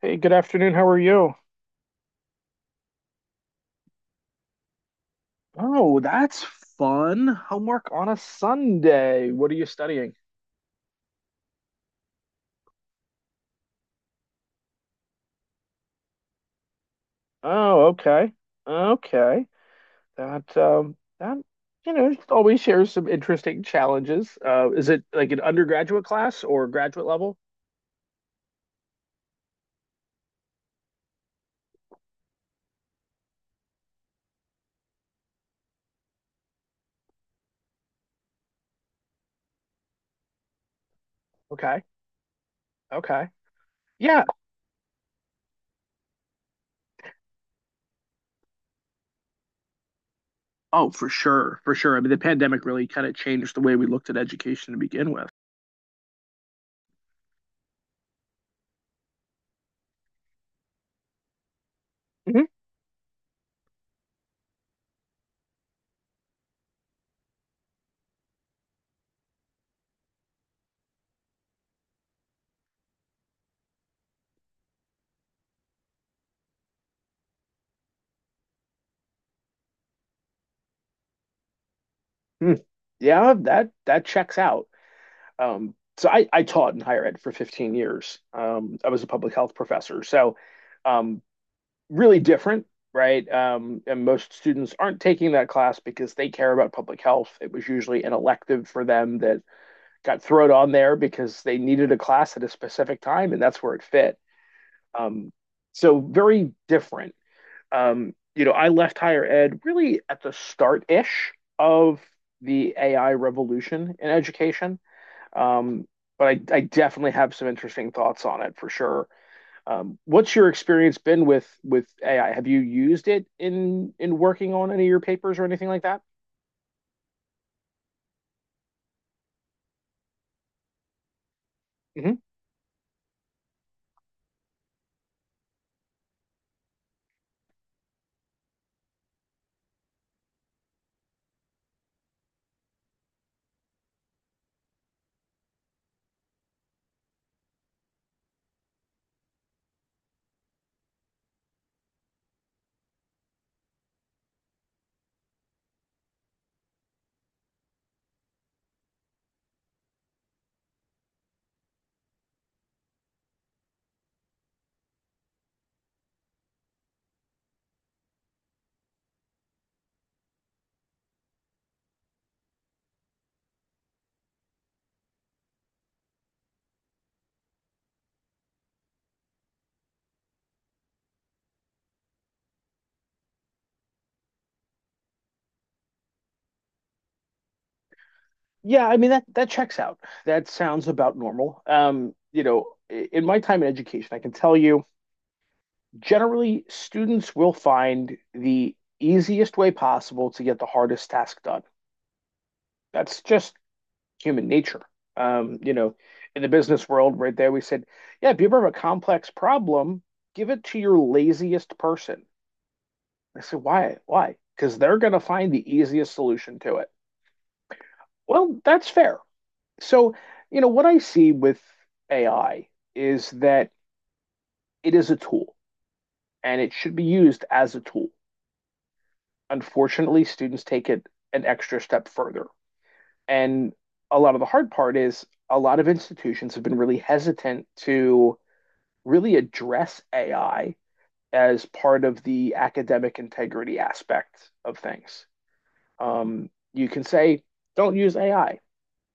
Hey, good afternoon. How are you? Oh, that's fun. Homework on a Sunday. What are you studying? Oh, okay. Okay. That always shares some interesting challenges. Is it like an undergraduate class or graduate level? Okay. Okay. Yeah. Oh, for sure. For sure. I mean, the pandemic really kind of changed the way we looked at education to begin with. hmm Yeah, that checks out. So I taught in higher ed for 15 years. I was a public health professor. So um, really different, right? And most students aren't taking that class because they care about public health. It was usually an elective for them that got thrown on there because they needed a class at a specific time, and that's where it fit. Um, so very different. You know, I left higher ed really at the start-ish of the AI revolution in education. Um, but I definitely have some interesting thoughts on it for sure. What's your experience been with AI? Have you used it in working on any of your papers or anything like that? hmm Yeah, I mean that checks out. That sounds about normal. You know, in my time in education, I can tell you generally students will find the easiest way possible to get the hardest task done. That's just human nature. You know, in the business world, right there, we said, yeah, if you ever have a complex problem, give it to your laziest person. I said, why? Why? Because they're going to find the easiest solution to it. Well, that's fair. So, you know, what I see with AI is that it is a tool and it should be used as a tool. Unfortunately, students take it an extra step further. And a lot of the hard part is a lot of institutions have been really hesitant to really address AI as part of the academic integrity aspect of things. You can say, don't use AI.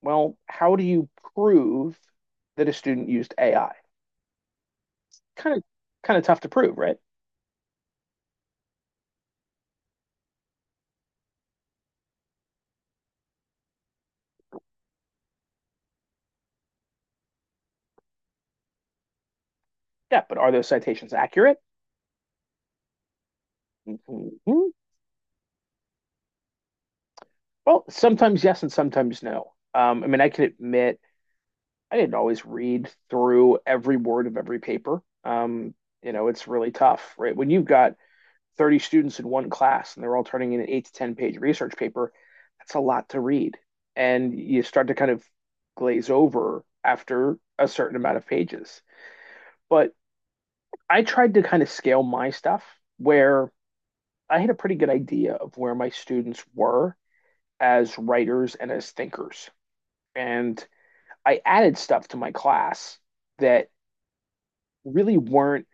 Well, how do you prove that a student used AI? Kind of, kind of tough to prove, right? Yeah, but are those citations accurate? Mhm. Well, sometimes yes, and sometimes no. I mean, I can admit I didn't always read through every word of every paper. You know, it's really tough, right? When you've got 30 students in one class and they're all turning in an eight to 10 page research paper, that's a lot to read. And you start to kind of glaze over after a certain amount of pages. But I tried to kind of scale my stuff where I had a pretty good idea of where my students were as writers and as thinkers. And I added stuff to my class that really weren't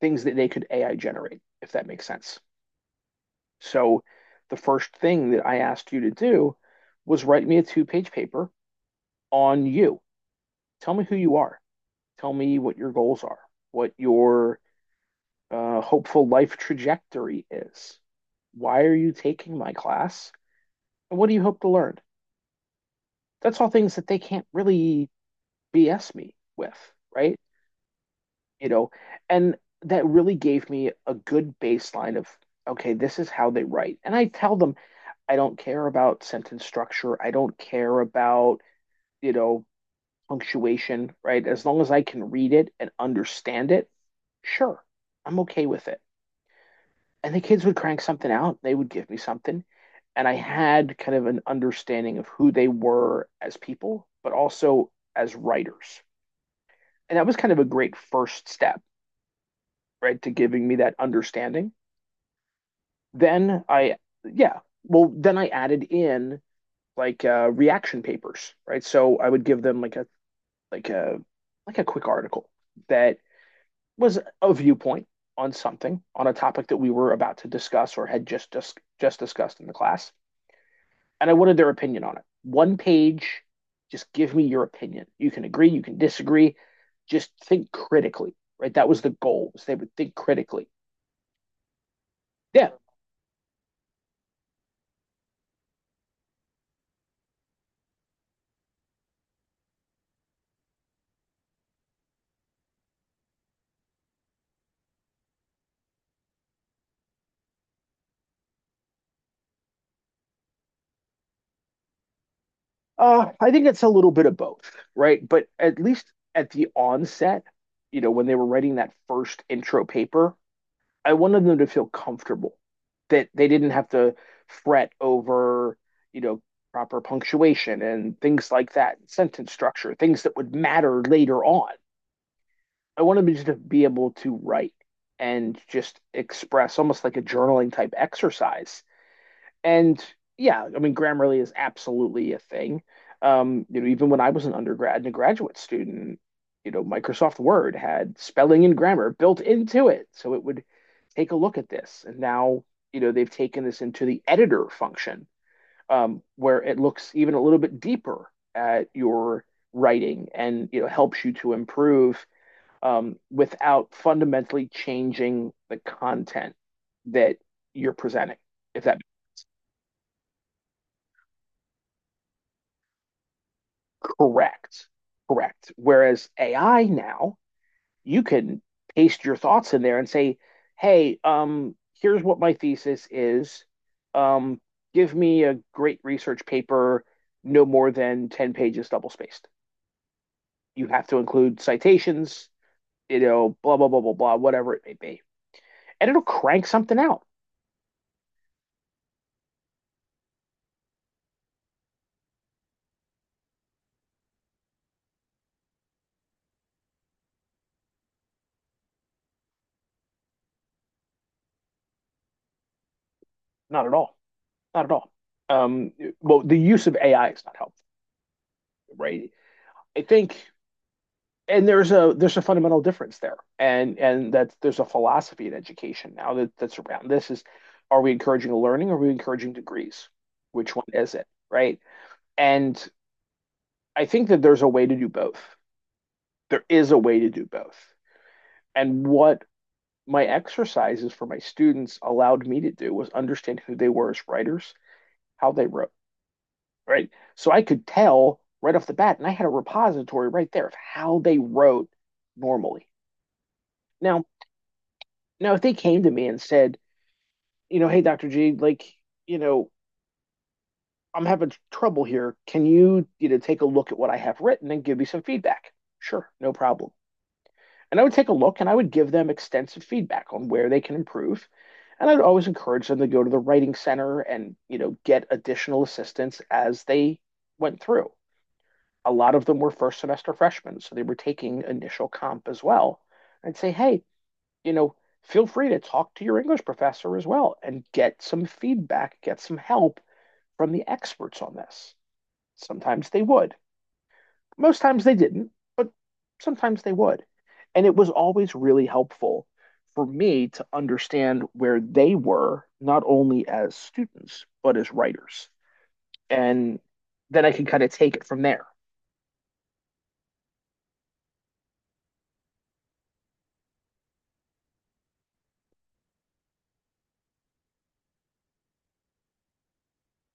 things that they could AI generate, if that makes sense. So the first thing that I asked you to do was write me a two-page paper on you. Tell me who you are. Tell me what your goals are, what your hopeful life trajectory is. Why are you taking my class? And what do you hope to learn? That's all things that they can't really BS me with, right? You know, and that really gave me a good baseline of, okay, this is how they write. And I tell them, I don't care about sentence structure. I don't care about, you know, punctuation, right? As long as I can read it and understand it, sure, I'm okay with it. And the kids would crank something out, they would give me something. And I had kind of an understanding of who they were as people, but also as writers. And that was kind of a great first step, right, to giving me that understanding. Then I, yeah, then I added in like reaction papers, right? So I would give them like a like a quick article that was a viewpoint on something on a topic that we were about to discuss or had just discussed in the class, and I wanted their opinion on it. One page, just give me your opinion. You can agree, you can disagree. Just think critically, right? That was the goal. Was they would think critically. Yeah, I think it's a little bit of both, right? But at least at the onset, you know, when they were writing that first intro paper, I wanted them to feel comfortable that they didn't have to fret over, you know, proper punctuation and things like that, sentence structure, things that would matter later on. I wanted them just to be able to write and just express almost like a journaling type exercise and yeah, I mean, Grammarly is absolutely a thing. You know, even when I was an undergrad and a graduate student, you know, Microsoft Word had spelling and grammar built into it, so it would take a look at this. And now, you know, they've taken this into the editor function, where it looks even a little bit deeper at your writing and you know helps you to improve without fundamentally changing the content that you're presenting, if that Correct. Correct. Whereas AI now, you can paste your thoughts in there and say, "Hey, here's what my thesis is. Um, Give me a great research paper, no more than 10 pages double spaced. You have to include citations, you know, blah, blah, blah, blah, blah, whatever it may be. And it'll crank something out. Not at all. Not at all. Um, well, the use of AI is not helpful, right? I think, and there's a fundamental difference there, and that there's a philosophy in education now that that's around this is, are we encouraging learning? Or are we encouraging degrees? Which one is it, right? And I think that there's a way to do both. There is a way to do both. And what my exercises for my students allowed me to do was understand who they were as writers, how they wrote, right? So I could tell right off the bat, and I had a repository right there of how they wrote normally. Now, now if they came to me and said, you know, hey, Dr. G, like, you know, I'm having trouble here. Can you, you know, take a look at what I have written and give me some feedback? Sure, no problem. And I would take a look and I would give them extensive feedback on where they can improve. And I'd always encourage them to go to the writing center and, you know, get additional assistance as they went through. A lot of them were first semester freshmen, so they were taking initial comp as well. I'd say, hey, you know, feel free to talk to your English professor as well and get some feedback, get some help from the experts on this. Sometimes they would. Most times they didn't, but sometimes they would. And it was always really helpful for me to understand where they were, not only as students, but as writers. And then I can kind of take it from there.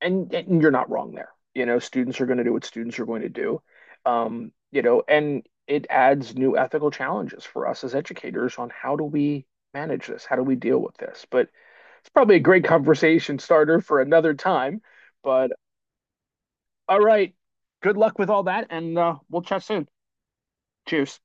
And you're not wrong there. You know, students are going to do what students are going to do. You know, and it adds new ethical challenges for us as educators on how do we manage this? How do we deal with this? But it's probably a great conversation starter for another time. But All right. Good luck with all that, and we'll chat soon. Cheers.